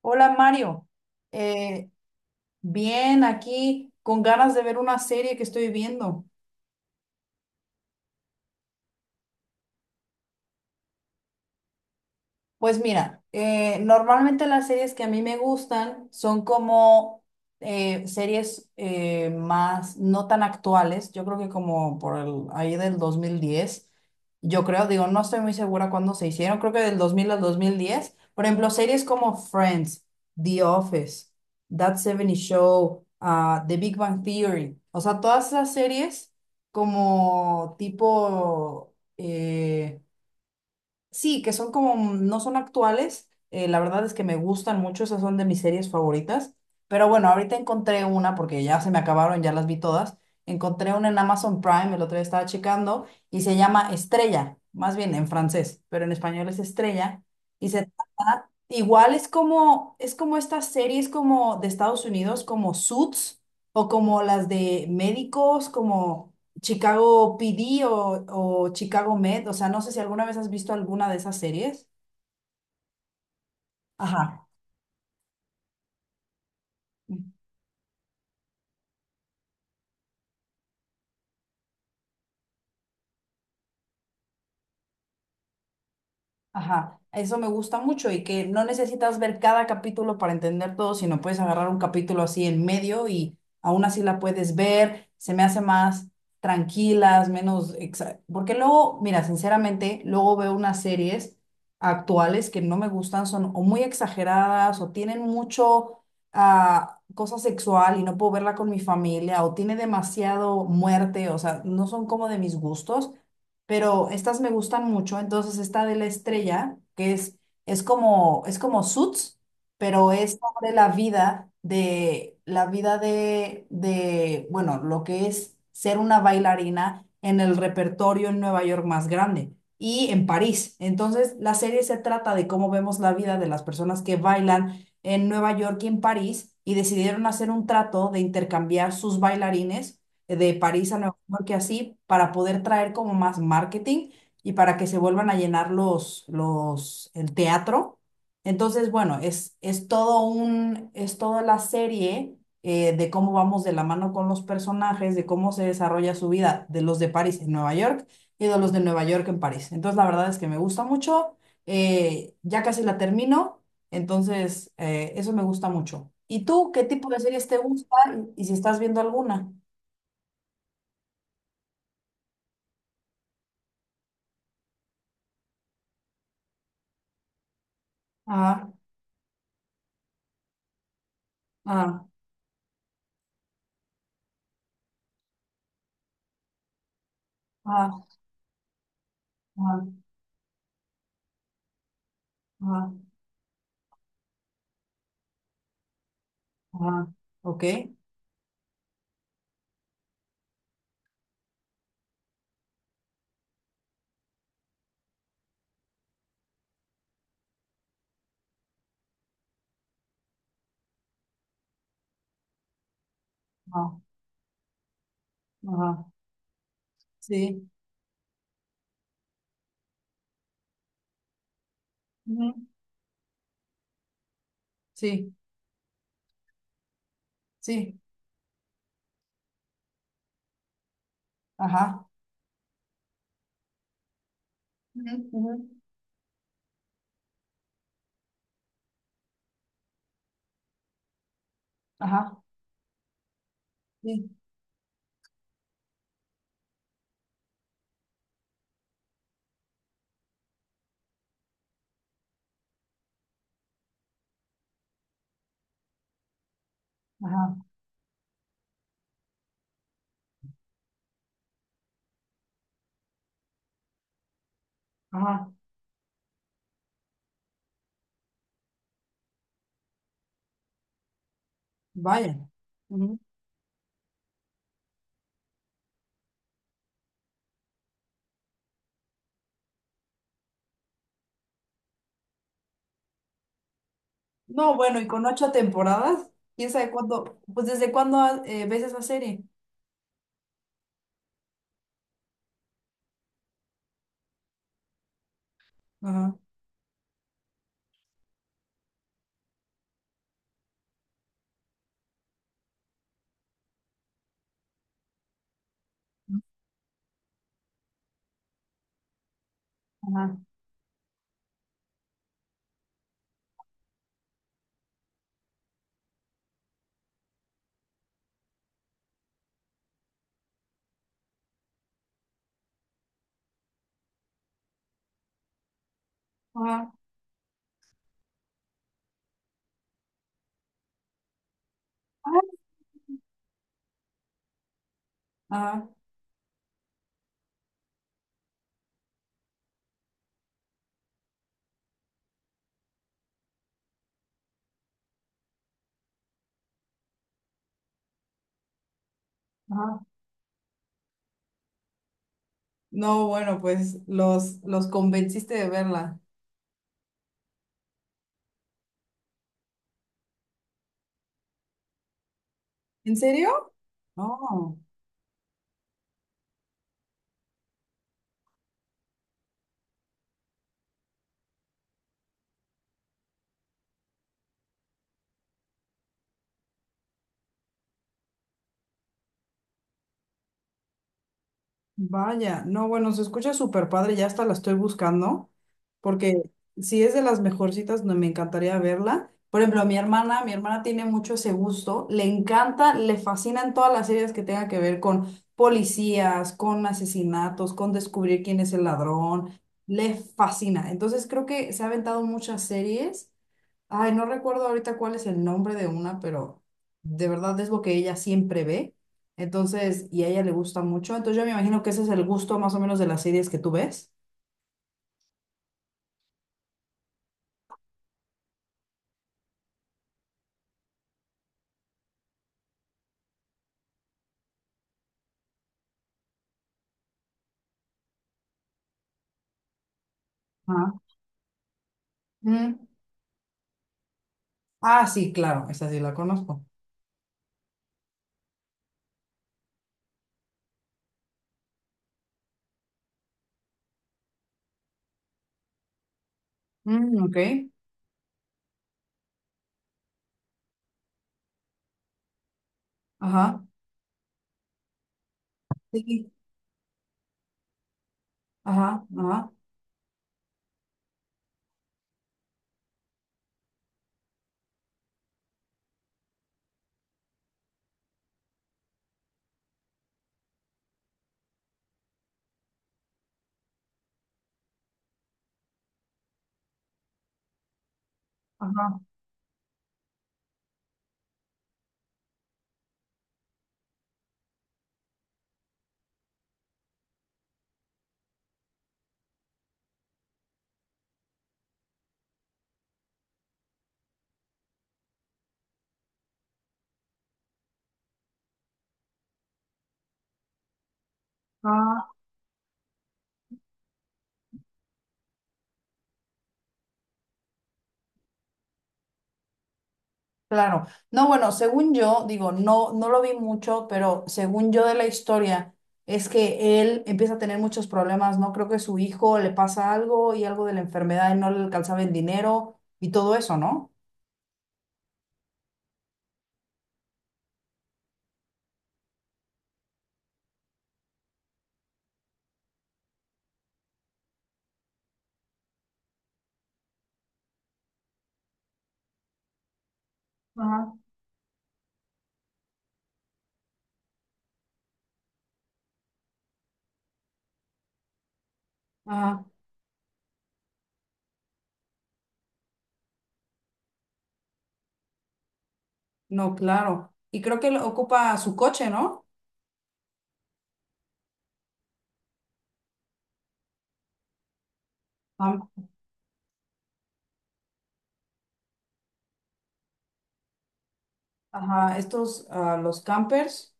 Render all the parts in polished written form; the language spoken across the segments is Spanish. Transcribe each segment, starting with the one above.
Hola Mario, Eh, bien aquí con ganas de ver una serie que estoy viendo. Pues mira, normalmente las series que a mí me gustan son como series más no tan actuales. Yo creo que como por el, ahí del 2010. Yo creo, digo, no estoy muy segura cuándo se hicieron, creo que del 2000 al 2010. Por ejemplo, series como Friends, The Office, That 70 Show, The Big Bang Theory. O sea, todas esas series como tipo, sí, que son como, no son actuales. La verdad es que me gustan mucho, esas son de mis series favoritas. Pero bueno, ahorita encontré una, porque ya se me acabaron, ya las vi todas. Encontré una en Amazon Prime, el otro día estaba checando, y se llama Estrella, más bien en francés, pero en español es Estrella. Y se trata, igual es como estas series como de Estados Unidos, como Suits, o como las de médicos, como Chicago PD o Chicago Med. O sea, no sé si alguna vez has visto alguna de esas series. Ajá. Ajá, eso me gusta mucho y que no necesitas ver cada capítulo para entender todo, sino puedes agarrar un capítulo así en medio y aún así la puedes ver. Se me hace más tranquilas. Porque luego, mira, sinceramente, luego veo unas series actuales que no me gustan, son o muy exageradas o tienen mucho cosa sexual y no puedo verla con mi familia, o tiene demasiado muerte. O sea, no son como de mis gustos, pero estas me gustan mucho. Entonces, esta de la estrella, que es, es como Suits, pero es sobre la vida de, bueno, lo que es ser una bailarina en el repertorio en Nueva York más grande y en París. Entonces, la serie se trata de cómo vemos la vida de las personas que bailan en Nueva York y en París, y decidieron hacer un trato de intercambiar sus bailarines de París a Nueva York y así, para poder traer como más marketing y para que se vuelvan a llenar el teatro. Entonces, bueno, es toda la serie, de cómo vamos de la mano con los personajes, de cómo se desarrolla su vida, de los de París en Nueva York y de los de Nueva York en París. Entonces, la verdad es que me gusta mucho. Ya casi la termino, entonces eso me gusta mucho. ¿Y tú qué tipo de series te gusta y si estás viendo alguna? Ah, ah, ah, ah, ah, ah, ok, ah, ajá, sí, ujú, sí, sí, ajá, ujú, ujú, ajá, sí, ajá, ajá, vaya. Ujú. No, bueno, y con 8 temporadas, quién sabe cuándo, pues desde cuándo ves esa serie. Ajá, ajá, ajá, ajá, ajá. No, bueno, pues los convenciste de verla. ¿En serio? No. Vaya, no, bueno, se escucha súper padre, ya hasta la estoy buscando, porque si es de las mejorcitas, no, me encantaría verla. Por ejemplo, mi hermana tiene mucho ese gusto, le encanta, le fascinan todas las series que tengan que ver con policías, con asesinatos, con descubrir quién es el ladrón, le fascina. Entonces creo que se ha aventado muchas series. Ay, no recuerdo ahorita cuál es el nombre de una, pero de verdad es lo que ella siempre ve. Entonces, y a ella le gusta mucho. Entonces, yo me imagino que ese es el gusto más o menos de las series que tú ves. Ajá. Mm. Ah, sí, claro, esa sí la conozco. Mm, ok. Ajá. Sí. Ajá. Ajá. Ajá. Claro. No, bueno, según yo, digo, no, no lo vi mucho, pero según yo de la historia, es que él empieza a tener muchos problemas, ¿no? Creo que su hijo le pasa algo y algo de la enfermedad y no le alcanzaba el dinero y todo eso, ¿no? Ajá, ajá, no, claro. Y creo que lo ocupa su coche, ¿no? Am- Ajá, estos, los campers.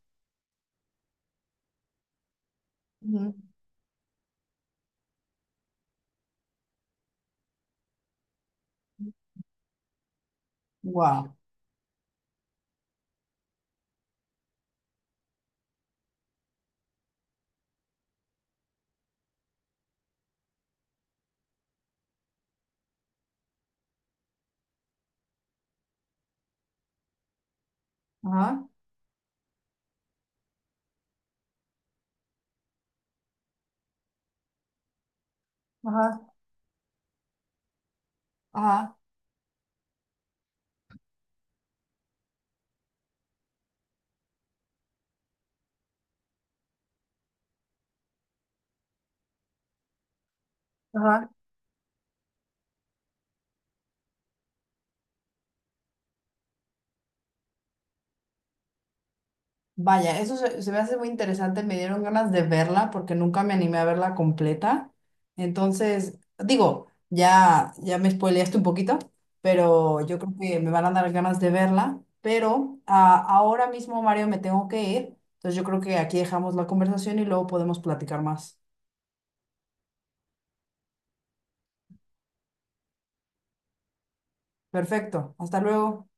Wow. Ajá, ajá, ajá. Ajá. Vaya, eso se me hace muy interesante. Me dieron ganas de verla porque nunca me animé a verla completa. Entonces, digo, ya, ya me spoileaste un poquito, pero yo creo que me van a dar ganas de verla. Pero ahora mismo, Mario, me tengo que ir. Entonces, yo creo que aquí dejamos la conversación y luego podemos platicar más. Perfecto. Hasta luego.